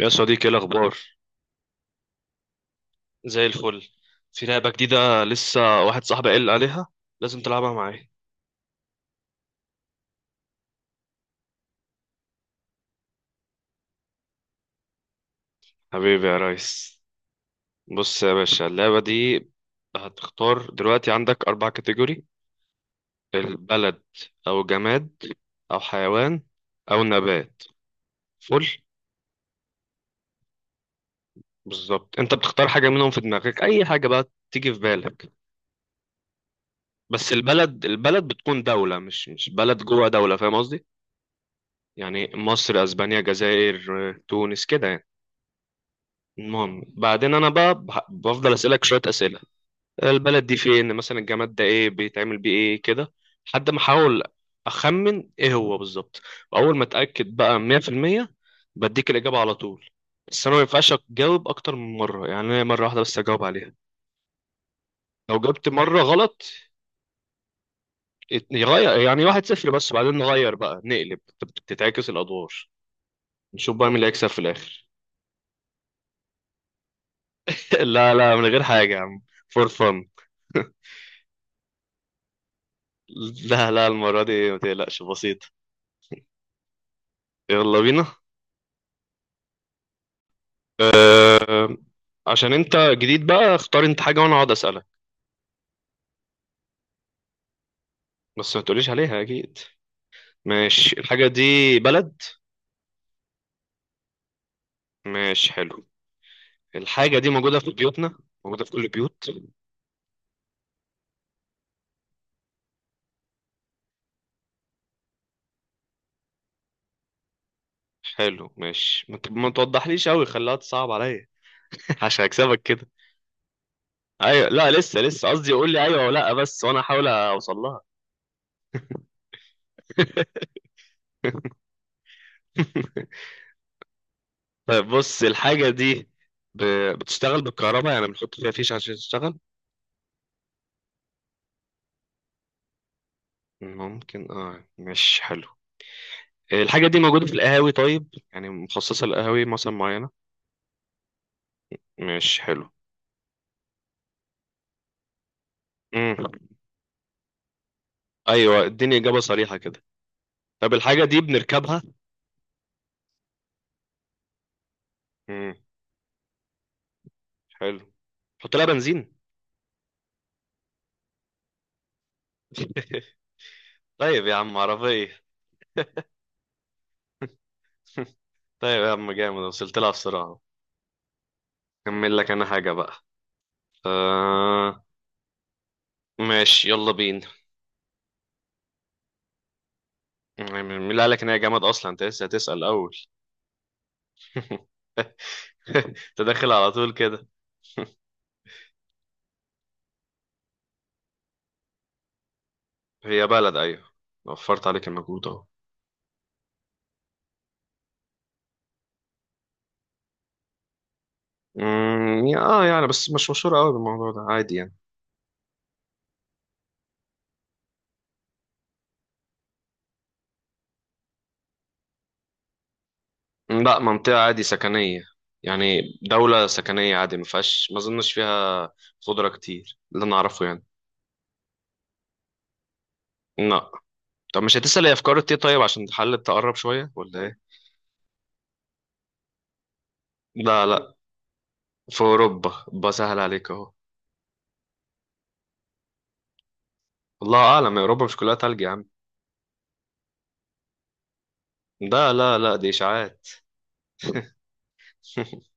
يا صديقي ايه الاخبار؟ زي الفل. في لعبه جديده لسه واحد صاحبي قال عليها، لازم تلعبها معايا. حبيبي يا ريس. بص يا باشا، اللعبه دي هتختار دلوقتي عندك اربع كاتيجوري: البلد او جماد او حيوان او نبات. فل. بالظبط، انت بتختار حاجه منهم في دماغك، اي حاجه بقى تيجي في بالك. بس البلد، البلد بتكون دوله مش بلد جوه دوله، فاهم قصدي؟ يعني مصر، اسبانيا، جزائر، تونس، كده يعني. المهم بعدين انا بقى بفضل اسالك شويه اسئله: البلد دي فين مثلا، الجماد ده ايه، بيتعمل بيه ايه، كده، لحد ما احاول اخمن ايه هو بالظبط. واول ما اتاكد بقى 100%، بديك الاجابه على طول. بس انا ما ينفعش اجاوب اكتر من مره، يعني أنا مره واحده بس اجاوب عليها. لو جبت مره غلط، يغير، يعني واحد صفر، بس بعدين نغير بقى، نقلب، تتعكس الادوار. نشوف بقى مين اللي هيكسب في الاخر. لا لا، من غير حاجه يا عم، فور فن. لا لا، المرة دي ما تقلقش، بسيط. يلا بينا. عشان انت جديد بقى، اختار انت حاجة وانا اقعد اسألك، بس ما تقوليش عليها اكيد. ماشي، الحاجة دي بلد. ماشي، حلو. الحاجة دي موجودة في بيوتنا، موجودة في كل البيوت. حلو ماشي، ما توضحليش قوي، خليها تصعب عليا. عشان اكسبك كده. ايوه، لا لسه لسه، قصدي قول لي ايوه ولا لا بس، وانا احاول اوصل لها. طيب بص، الحاجة دي ب... بتشتغل بالكهرباء، يعني بنحط فيها فيش عشان تشتغل. ممكن اه؟ ماشي حلو. الحاجة دي موجودة في القهاوي طيب، يعني مخصصة للقهاوي مثلا معينة. مش حلو. امم ايوه، اديني إجابة صريحة كده. طب الحاجة دي بنركبها. امم حلو. حط لها بنزين. طيب يا عم، عربية. طيب يا عم جامد، وصلت لها بسرعة. كمل لك انا حاجة بقى. آه ماشي، يلا بينا. مين اللي قالك ان هي جامد اصلا؟ انت لسه هتسأل اول. تدخل على طول كده. هي بلد، ايوه، وفرت عليك المجهود اهو. اه يعني، بس مش مشهورة قوي بالموضوع ده، عادي يعني. لا، منطقة عادي سكنية، يعني دولة سكنية عادي، ما فيهاش، ما اظنش فيها خضرة كتير اللي انا اعرفه يعني. لا. طب مش هتسأل هي افكار ايه طيب، عشان تحل، تقرب شوية، ولا ايه؟ لا لا، في اوروبا، بسهل عليك اهو. الله اعلم، يا اوروبا مش كلها تلج يا عم. ده لا لا، دي اشاعات.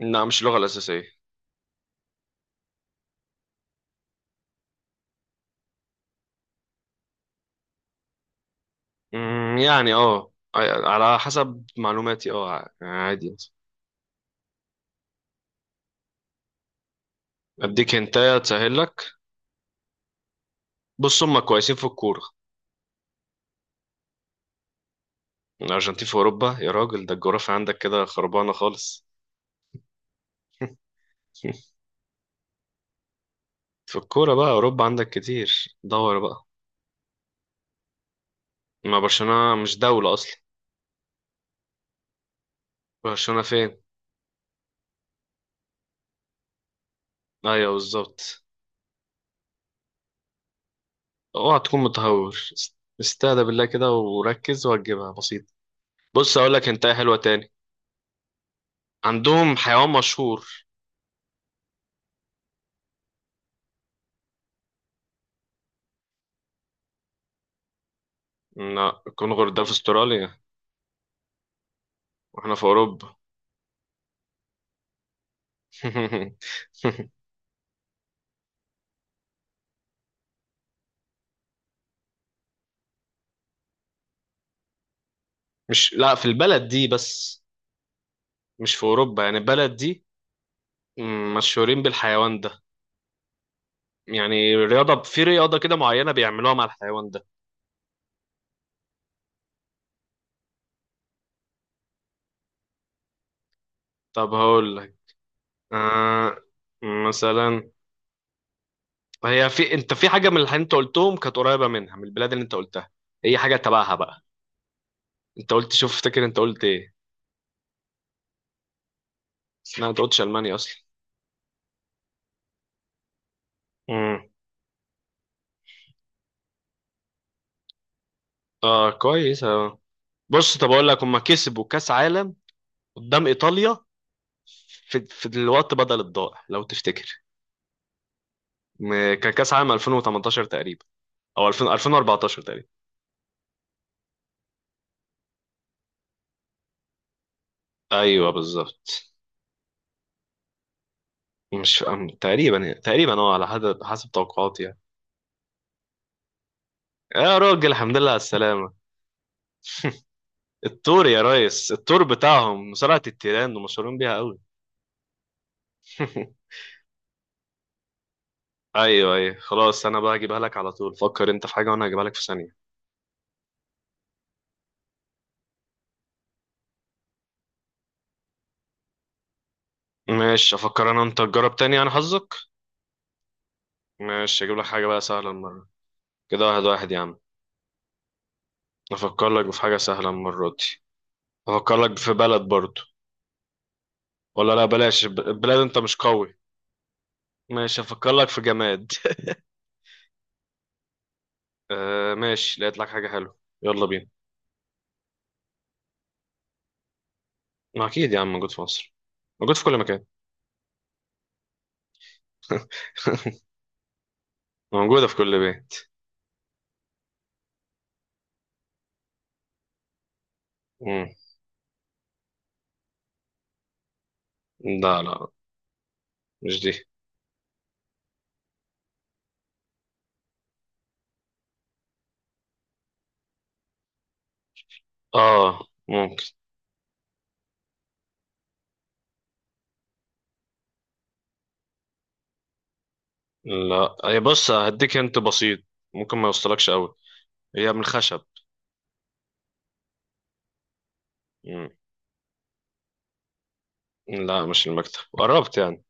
لا، مش اللغة الأساسية. يعني اه، على حسب معلوماتي اه، عادي. اديك هنتايه تسهل لك. بص، هم كويسين في الكورة. الأرجنتين في أوروبا يا راجل؟ ده الجغرافيا عندك كده خربانة خالص. في الكورة بقى، أوروبا عندك كتير، دور بقى. ما برشلونة مش دولة أصلا. برشلونة فين؟ أيوة بالظبط. اوعى تكون متهور، استهدى بالله كده وركز وهتجيبها بسيط. بص أقول لك أنت إيه حلوة تاني. عندهم حيوان مشهور. لا، الكونغر ده في استراليا، واحنا في أوروبا. مش لا، في البلد دي بس، مش في أوروبا، يعني البلد دي مشهورين بالحيوان ده، يعني في رياضة كده معينة بيعملوها مع الحيوان ده. طب هقول لك، آه، مثلا، هي، في انت في حاجة من اللي انت قلتهم كانت قريبة منها، من البلاد اللي انت قلتها، هي حاجة تبعها بقى. انت قلت، شوف افتكر انت قلت ايه. لا، انت قلتش ألمانيا اصلا. امم، اه كويس اه، بص طب اقول لك، هما كسبوا كأس عالم قدام ايطاليا، في الوقت بدل الضائع لو تفتكر. كان كأس عالم 2018 تقريبا، او 2000، 2014 تقريبا. ايوه بالظبط. مش أم- تقريبا تقريبا اه، على حسب توقعاتي يعني. يا راجل الحمد لله على السلامة. التور يا ريس، التور بتاعهم، مصارعة التيران، ومشهورين بيها قوي. ايوه ايوه، خلاص انا بقى هجيبها لك على طول. فكر انت في حاجة وانا هجيبها لك في ثانية. ماشي، افكر انا، انت تجرب تاني يعني حظك. ماشي، اجيب لك حاجة بقى سهلة المرة. كده واحد واحد يا عم. افكر لك في حاجة سهلة المرة دي. افكر لك في بلد برضه. ولا لا بلاش، البلاد انت مش قوي. ماشي، افكر لك في جماد. آه ماشي، لقيت لك حاجة حلوة. يلا بينا. ما اكيد يا عم، موجود في مصر، موجود في كل مكان. موجودة في كل بيت. مم. لا لا، مش دي. اه ممكن. لا، هي بص، هديك انت بسيط، ممكن ما يوصلكش قوي. هي من الخشب. مم. لا، مش المكتب، قربت يعني.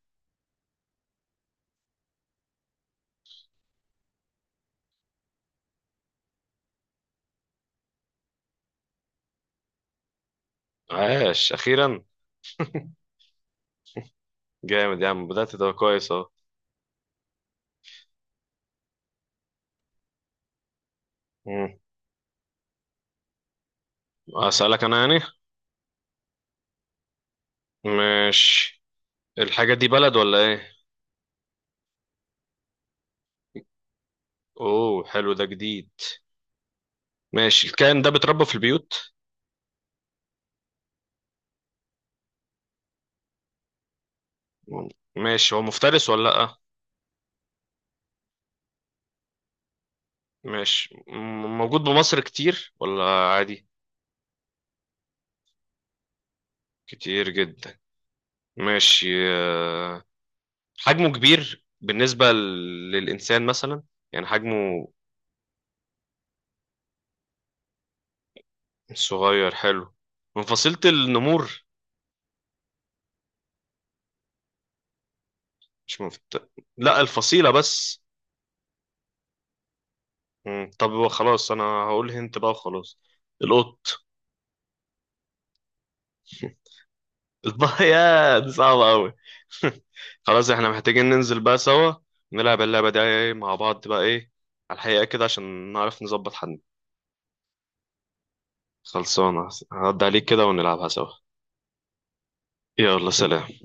عاش اخيرا. جامد يا عم، بدأت، ده كويس اهو. مم. اسألك انا يعني؟ مش، الحاجة دي بلد ولا ايه؟ اوه حلو، ده جديد. ماشي، الكائن ده بيتربى في البيوت. ماشي، هو مفترس ولا لأ؟ ماشي، موجود بمصر كتير ولا عادي؟ كتير جدا. ماشي. آه، حجمه كبير بالنسبة للإنسان مثلا؟ يعني حجمه. صغير، حلو. من فصيلة النمور. مش مفت... لا الفصيلة بس. طب خلاص أنا هقول هنت بقى وخلاص. القط. يا دي صعبة أوي. خلاص، احنا محتاجين ننزل بقى سوا، نلعب اللعبة دي مع بعض بقى، ايه، على الحقيقة كده، عشان نعرف نظبط حد. خلصانة، هعدي عليك كده ونلعبها سوا. يلا، سلام.